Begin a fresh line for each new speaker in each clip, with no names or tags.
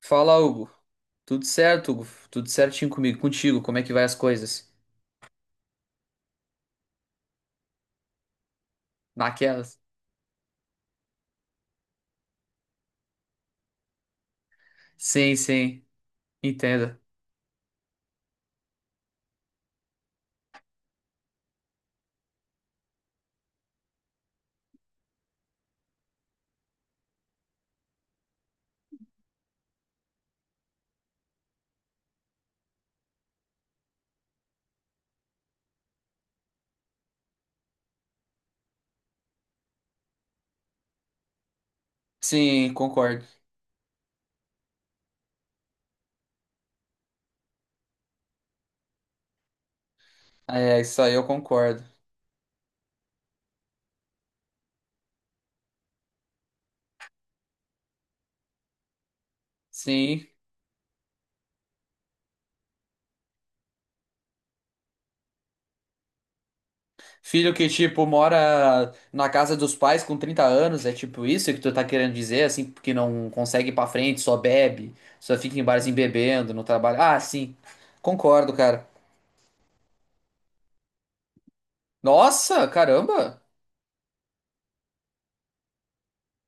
Fala, Hugo. Tudo certo, Hugo? Tudo certinho comigo, contigo? Como é que vai as coisas? Naquelas? Sim, sim, entendo. Sim, concordo. É, isso aí eu concordo. Sim. Filho que, tipo, mora na casa dos pais com 30 anos, é tipo isso que tu tá querendo dizer, assim, porque não consegue ir pra frente, só bebe, só fica em barzinho bebendo, no trabalho. Ah, sim. Concordo, cara. Nossa, caramba!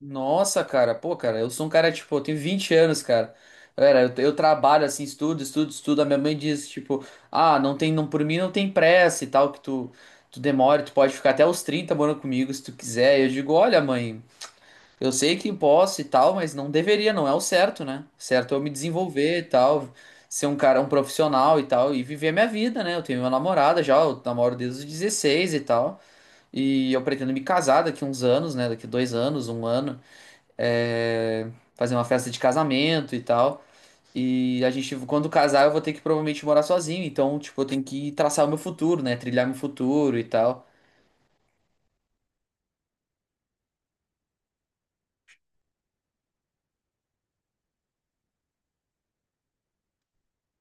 Nossa, cara, pô, cara, eu sou um cara, tipo, eu tenho 20 anos, cara. Galera, eu trabalho assim, estudo, estudo, estudo. A minha mãe diz, tipo, ah, não tem, não, por mim não tem pressa e tal, que tu demora, tu pode ficar até os 30 morando comigo se tu quiser. E eu digo, olha, mãe, eu sei que posso e tal, mas não deveria, não é o certo, né? O certo é eu me desenvolver e tal, ser um cara, um profissional e tal, e viver a minha vida, né? Eu tenho minha namorada já, eu namoro desde os 16 e tal. E eu pretendo me casar daqui uns anos, né? Daqui 2 anos, um ano é, fazer uma festa de casamento e tal. E a gente, quando casar, eu vou ter que provavelmente morar sozinho. Então, tipo, eu tenho que traçar o meu futuro, né? Trilhar meu futuro e tal.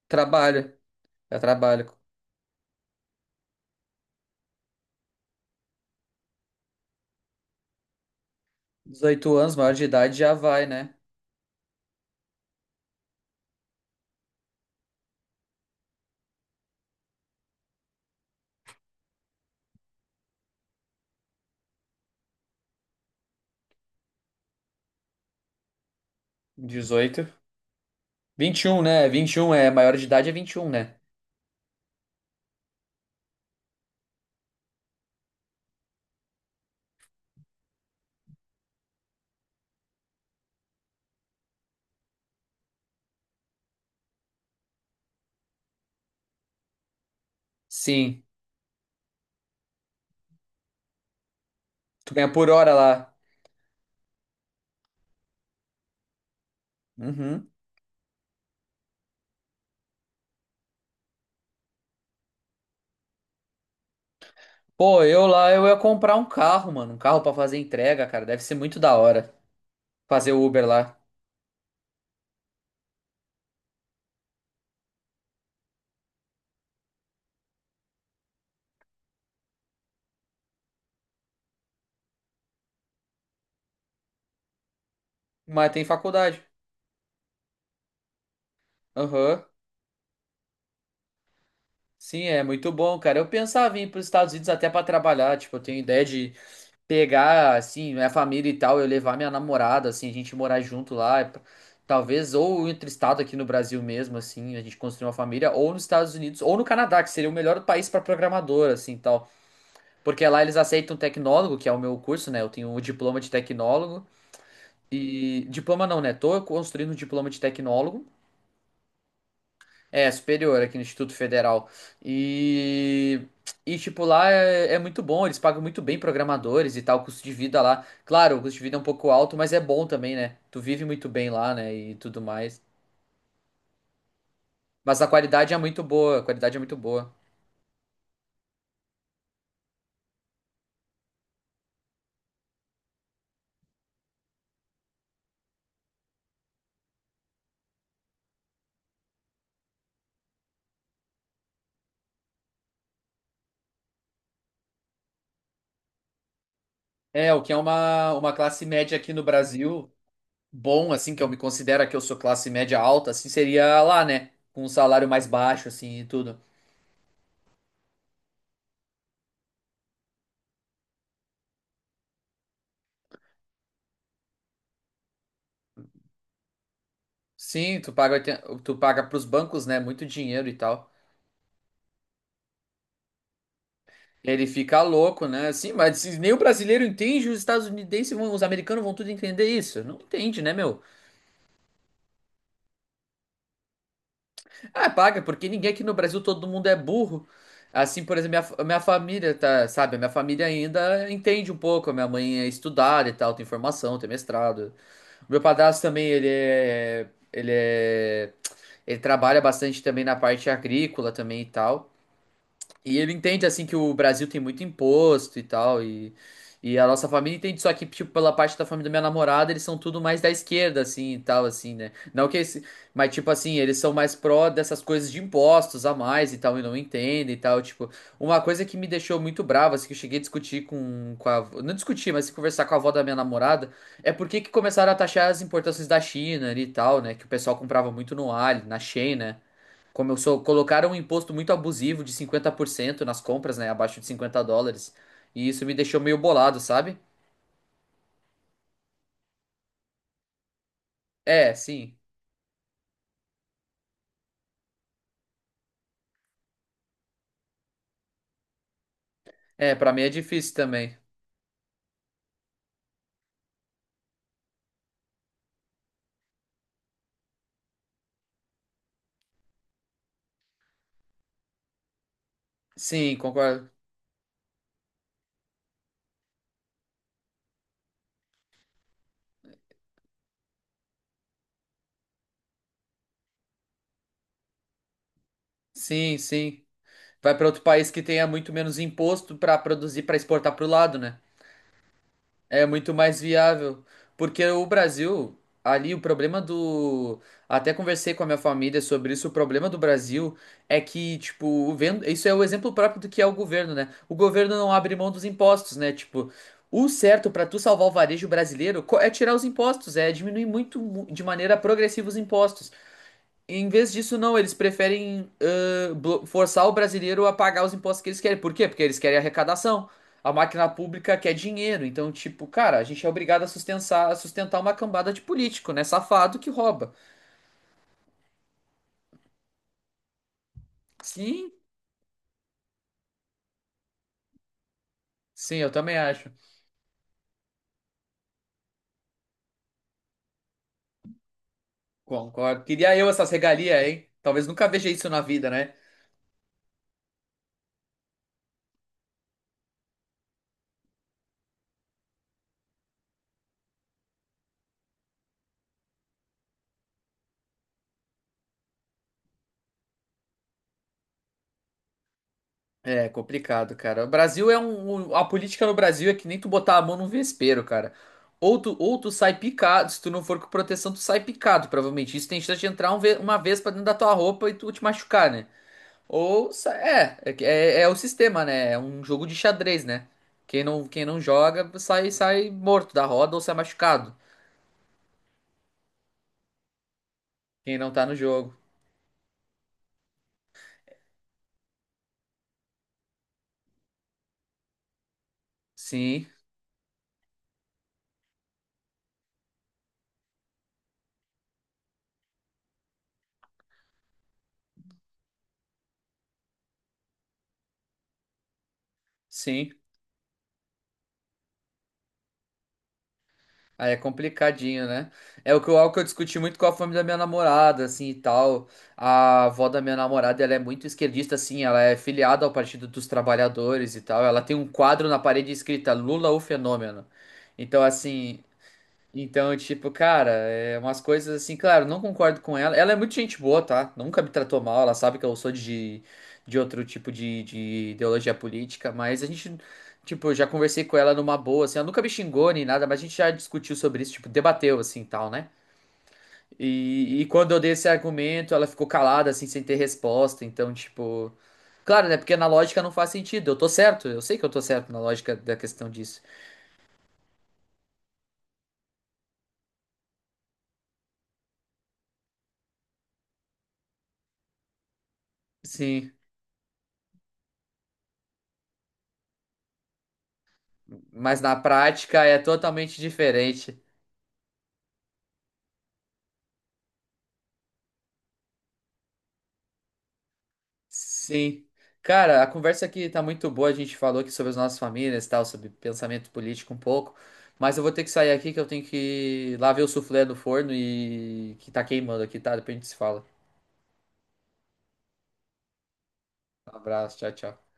Trabalho, já trabalho. 18 anos, maior de idade já vai, né? Dezoito, 21, né? 21 é, maior de idade é 21, né? Sim. Tu ganha por hora lá. Uhum. Pô, eu lá, eu ia comprar um carro, mano. Um carro pra fazer entrega, cara. Deve ser muito da hora fazer o Uber lá. Mas tem faculdade. Aham. Sim, é muito bom, cara. Eu pensava em ir para os Estados Unidos até para trabalhar. Tipo, eu tenho ideia de pegar, assim, minha família e tal, eu levar minha namorada, assim, a gente morar junto lá. Talvez, ou entre estado aqui no Brasil mesmo, assim, a gente construir uma família, ou nos Estados Unidos, ou no Canadá, que seria o melhor país para programador, assim, tal. Porque lá eles aceitam tecnólogo, que é o meu curso, né? Eu tenho o diploma de tecnólogo. E. Diploma não, né? Tô construindo um diploma de tecnólogo. É, superior aqui no Instituto Federal. E, e tipo, lá é muito bom, eles pagam muito bem programadores e tal, o custo de vida lá. Claro, o custo de vida é um pouco alto, mas é bom também, né? Tu vive muito bem lá, né? E tudo mais. Mas a qualidade é muito boa, a qualidade é muito boa. É, o que é uma classe média aqui no Brasil, bom, assim, que eu me considero que eu sou classe média alta, assim, seria lá, né? Com um salário mais baixo, assim, e tudo. Sim, tu paga, tu paga pros bancos, né? Muito dinheiro e tal. Ele fica louco, né? Sim, mas se nem o brasileiro entende, os estadunidenses vão, os americanos vão tudo entender isso. Não entende, né, meu? Ah, paga, porque ninguém aqui no Brasil, todo mundo é burro. Assim, por exemplo, minha família tá, sabe? A minha família ainda entende um pouco. A minha mãe é estudada e tal, tem formação, tem mestrado. O meu padrasto também, ele é, ele trabalha bastante também na parte agrícola também e tal. E ele entende, assim, que o Brasil tem muito imposto e tal, e a nossa família entende, só que, tipo, pela parte da família da minha namorada, eles são tudo mais da esquerda, assim, e tal, assim, né? Não que esse, mas, tipo, assim, eles são mais pró dessas coisas de impostos a mais e tal, e não entendem e tal, tipo, uma coisa que me deixou muito bravo, assim, que eu cheguei a discutir com a, não discutir, mas conversar com a avó da minha namorada, é por que que começaram a taxar as importações da China ali e tal, né? Que o pessoal comprava muito no Ali, na Shein, né? Começou, colocaram um imposto muito abusivo de 50% nas compras, né? Abaixo de 50 dólares. E isso me deixou meio bolado, sabe? É, sim. É, pra mim é difícil também. Sim, concordo. Sim, sim. Vai pra outro país que tenha muito menos imposto pra produzir, pra exportar pro lado, né? É muito mais viável, porque o Brasil, ali o problema do, até conversei com a minha família sobre isso, o problema do Brasil é que, tipo, isso é o exemplo próprio do que é o governo, né? O governo não abre mão dos impostos, né? Tipo, o certo pra tu salvar o varejo brasileiro é tirar os impostos, é diminuir de maneira progressiva os impostos. Em vez disso, não, eles preferem forçar o brasileiro a pagar os impostos que eles querem. Por quê? Porque eles querem arrecadação. A máquina pública quer dinheiro. Então, tipo, cara, a gente é obrigado a sustentar uma cambada de político, né? Safado que rouba. Sim, sim, eu também acho. Concordo. Queria eu essas regalias, hein? Talvez nunca veja isso na vida, né? É complicado, cara. O Brasil é um. A política no Brasil é que nem tu botar a mão num vespeiro, cara. Ou tu sai picado, se tu não for com proteção, tu sai picado, provavelmente. Isso tem chance de entrar uma vez pra dentro da tua roupa e tu te machucar, né? Ou. Sa- É, é, que- é, é o sistema, né? É um jogo de xadrez, né? Quem não joga sai morto da roda ou sai machucado. Quem não tá no jogo. Sim, sim. Aí é complicadinho, né? É o que eu, algo que eu discuti muito com a família da minha namorada, assim, e tal. A avó da minha namorada, ela é muito esquerdista, assim, ela é filiada ao Partido dos Trabalhadores e tal. Ela tem um quadro na parede escrita Lula, o fenômeno. Então, assim, então, tipo, cara, é umas coisas assim, claro, não concordo com ela. Ela é muito gente boa, tá? Nunca me tratou mal, ela sabe que eu sou de outro tipo de ideologia política, mas a gente, tipo, já conversei com ela numa boa, assim, ela nunca me xingou nem nada, mas a gente já discutiu sobre isso, tipo, debateu, assim, tal, né? E quando eu dei esse argumento, ela ficou calada, assim, sem ter resposta, então, tipo... Claro, né? Porque na lógica não faz sentido, eu tô certo, eu sei que eu tô certo na lógica da questão disso. Sim. Mas na prática é totalmente diferente. Sim. Cara, a conversa aqui tá muito boa. A gente falou aqui sobre as nossas famílias e tal, sobre pensamento político um pouco. Mas eu vou ter que sair aqui que eu tenho que ir lá ver o suflê no forno e que tá queimando aqui, tá? Depois a gente se fala. Um abraço, tchau, tchau.